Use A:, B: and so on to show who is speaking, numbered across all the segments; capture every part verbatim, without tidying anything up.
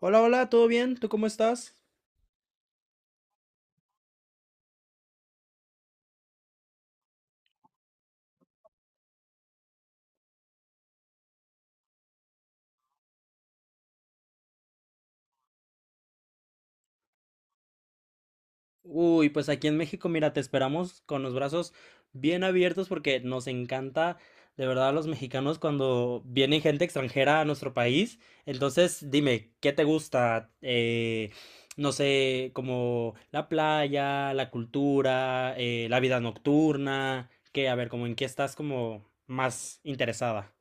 A: Hola, hola, ¿todo bien? ¿Tú cómo estás? Uy, pues aquí en México, mira, te esperamos con los brazos bien abiertos porque nos encanta, de verdad, a los mexicanos cuando viene gente extranjera a nuestro país. Entonces, dime, ¿qué te gusta? Eh, no sé, como la playa, la cultura, eh, la vida nocturna, que, a ver, como en qué estás como más interesada.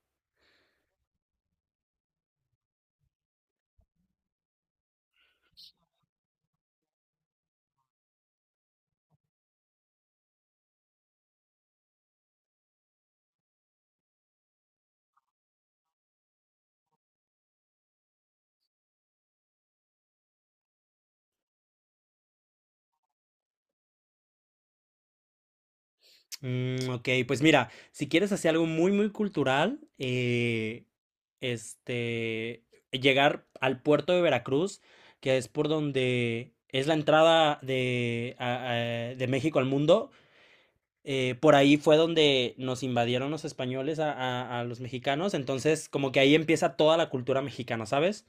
A: Mm, ok, pues mira, si quieres hacer algo muy, muy cultural, eh, este, llegar al puerto de Veracruz, que es por donde es la entrada de, a- a- de México al mundo. Eh, por ahí fue donde nos invadieron los españoles a, a- a los mexicanos, entonces como que ahí empieza toda la cultura mexicana, ¿sabes?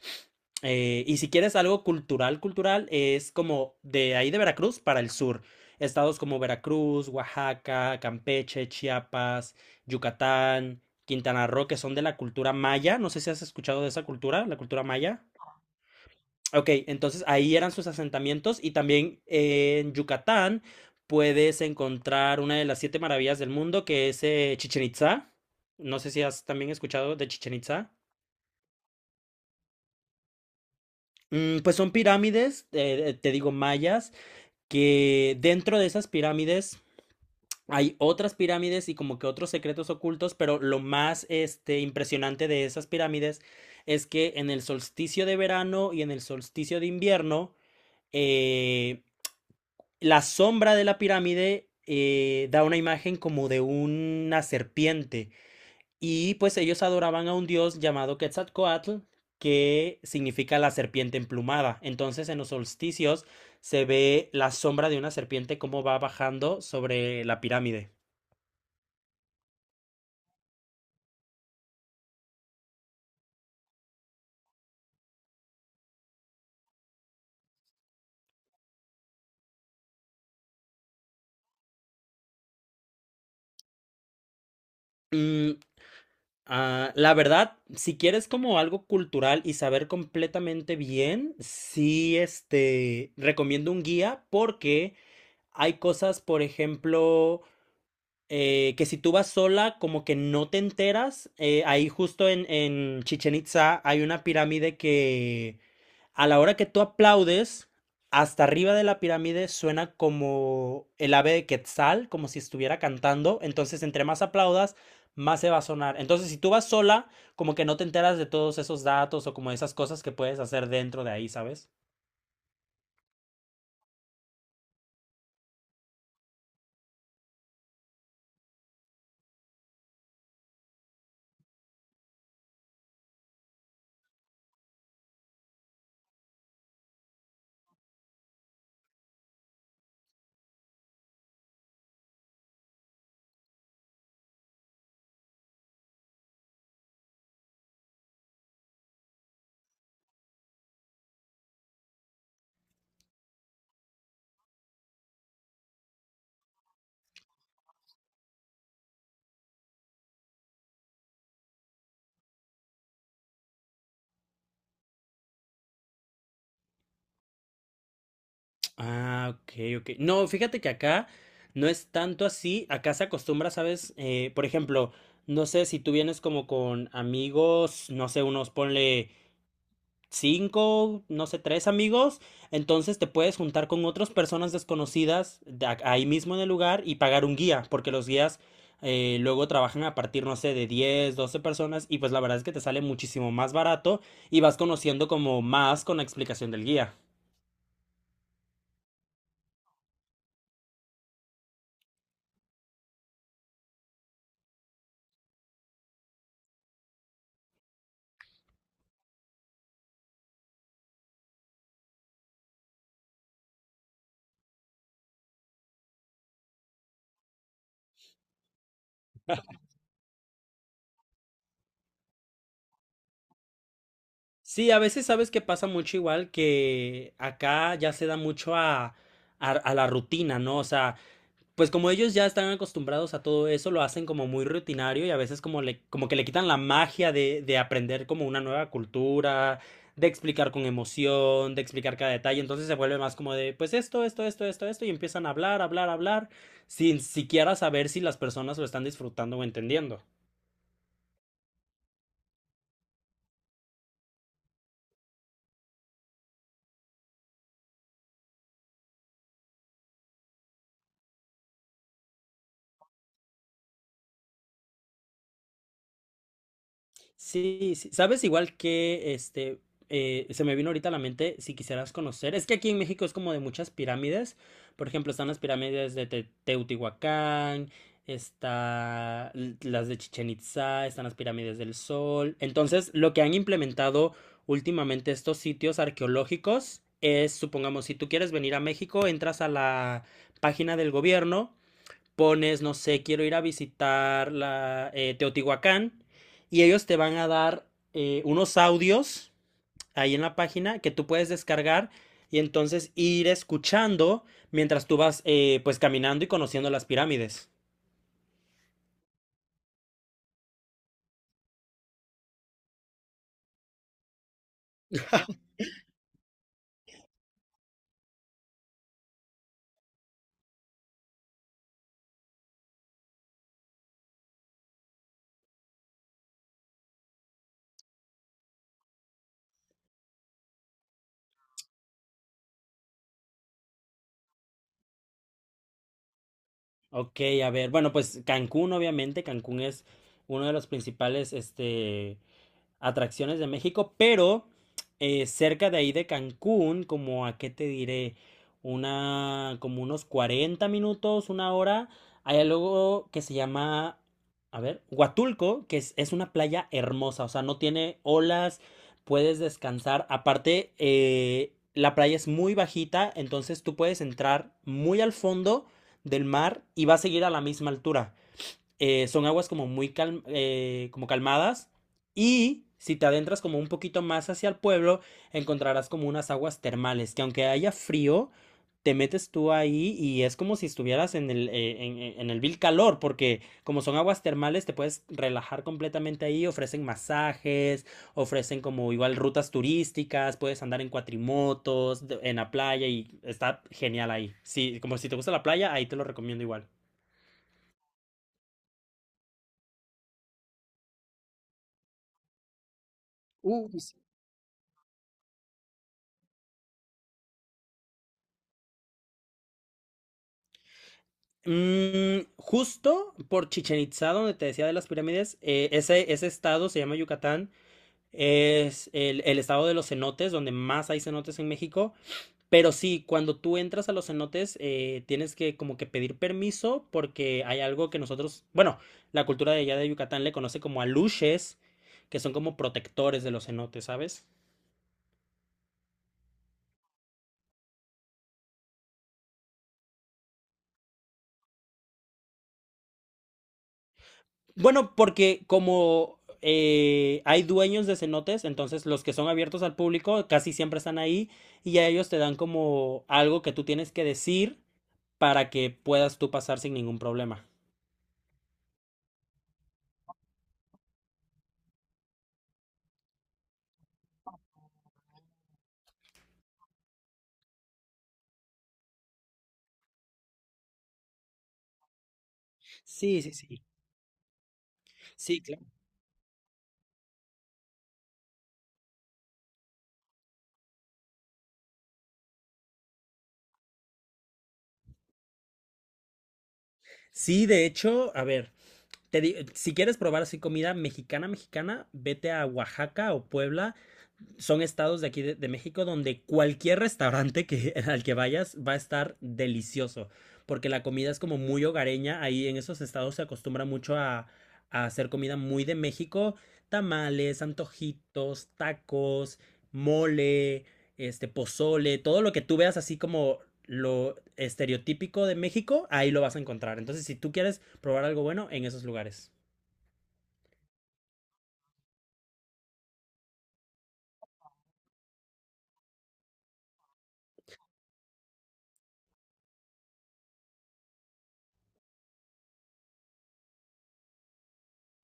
A: Eh, y si quieres algo cultural, cultural, es como de ahí de Veracruz para el sur. Estados como Veracruz, Oaxaca, Campeche, Chiapas, Yucatán, Quintana Roo, que son de la cultura maya. No sé si has escuchado de esa cultura, la cultura maya. Ok, entonces ahí eran sus asentamientos y también eh, en Yucatán puedes encontrar una de las siete maravillas del mundo, que es Chichen Itza. No sé si has también escuchado de Chichen Itza. Mm, pues son pirámides, eh, te digo mayas, que dentro de esas pirámides hay otras pirámides y como que otros secretos ocultos. Pero lo más este, impresionante de esas pirámides es que en el solsticio de verano y en el solsticio de invierno, eh, la sombra de la pirámide eh, da una imagen como de una serpiente. Y pues ellos adoraban a un dios llamado Quetzalcoatl, que significa la serpiente emplumada. Entonces, en los solsticios se ve la sombra de una serpiente como va bajando sobre la pirámide. Mm, ah, la verdad, si quieres como algo cultural y saber completamente bien, sí, este, recomiendo un guía, porque hay cosas, por ejemplo, eh, que si tú vas sola, como que no te enteras. Eh, ahí justo en, en Chichen Itza hay una pirámide que a la hora que tú aplaudes, hasta arriba de la pirámide suena como el ave de Quetzal, como si estuviera cantando. Entonces, entre más aplaudas, más se va a sonar. Entonces, si tú vas sola, como que no te enteras de todos esos datos o como de esas cosas que puedes hacer dentro de ahí, ¿sabes? Ah, ok, ok. No, fíjate que acá no es tanto así. Acá se acostumbra, ¿sabes? Eh, por ejemplo, no sé si tú vienes como con amigos, no sé, unos ponle cinco, no sé, tres amigos. Entonces te puedes juntar con otras personas desconocidas de ac- ahí mismo en el lugar y pagar un guía, porque los guías eh, luego trabajan a partir, no sé, de diez, doce personas, y pues la verdad es que te sale muchísimo más barato y vas conociendo como más con la explicación del guía. Sí, a veces sabes que pasa mucho igual, que acá ya se da mucho a, a- a la rutina, ¿no? O sea, pues como ellos ya están acostumbrados a todo eso, lo hacen como muy rutinario, y a veces como le, como que le quitan la magia de, de aprender como una nueva cultura, de explicar con emoción, de explicar cada detalle. Entonces se vuelve más como de, pues esto, esto, esto, esto, esto, y empiezan a hablar, hablar, hablar, sin siquiera saber si las personas lo están disfrutando o entendiendo. Sí, sí. Sabes, igual que este eh, se me vino ahorita a la mente si quisieras conocer. Es que aquí en México es como de muchas pirámides. Por ejemplo, están las pirámides de Te- Teotihuacán, está l- las de Chichen Itzá, están las pirámides del Sol. Entonces, lo que han implementado últimamente estos sitios arqueológicos es, supongamos, si tú quieres venir a México, entras a la página del gobierno, pones, no sé, quiero ir a visitar la, eh, Teotihuacán, y ellos te van a dar, eh, unos audios ahí en la página, que tú puedes descargar, y entonces ir escuchando mientras tú vas, eh, pues caminando y conociendo las pirámides. Ok, a ver, bueno, pues Cancún obviamente, Cancún es uno de los principales este, atracciones de México. Pero eh, cerca de ahí de Cancún, como a qué te diré, una, como unos cuarenta minutos, una hora, hay algo que se llama, a ver, Huatulco, que es, es una playa hermosa, o sea, no tiene olas, puedes descansar. Aparte, eh, la playa es muy bajita, entonces tú puedes entrar muy al fondo del mar y va a seguir a la misma altura. Eh, son aguas como muy calm- eh, como calmadas, y si te adentras como un poquito más hacia el pueblo, encontrarás como unas aguas termales que, aunque haya frío, te metes tú ahí y es como si estuvieras en el, eh, en, en- en el vil calor, porque como son aguas termales, te puedes relajar completamente ahí, ofrecen masajes, ofrecen como igual rutas turísticas, puedes andar en cuatrimotos, de- en la playa, y está genial ahí. Sí, como si te gusta la playa, ahí te lo recomiendo igual. Mm, justo por Chichen Itzá, donde te decía de las pirámides, eh, ese, ese estado se llama Yucatán. Es el, el estado de los cenotes, donde más hay cenotes en México. Pero sí, cuando tú entras a los cenotes, eh, tienes que como que pedir permiso, porque hay algo que nosotros, bueno, la cultura de allá de Yucatán le conoce como aluches, que son como protectores de los cenotes, ¿sabes? Bueno, porque como eh, hay dueños de cenotes, entonces los que son abiertos al público casi siempre están ahí, y a ellos te dan como algo que tú tienes que decir para que puedas tú pasar sin ningún problema. Sí, sí, sí. Sí, claro. Sí, de hecho, a ver, te di- si quieres probar así comida mexicana, mexicana, vete a Oaxaca o Puebla, son estados de aquí de, de México, donde cualquier restaurante que, al que vayas va a estar delicioso, porque la comida es como muy hogareña. Ahí en esos estados se acostumbra mucho a, a hacer comida muy de México: tamales, antojitos, tacos, mole, este pozole, todo lo que tú veas así como lo estereotípico de México, ahí lo vas a encontrar. Entonces, si tú quieres probar algo bueno, en esos lugares.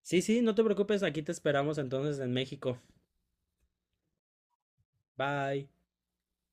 A: Sí, sí, no te preocupes, aquí te esperamos entonces en México. Bye.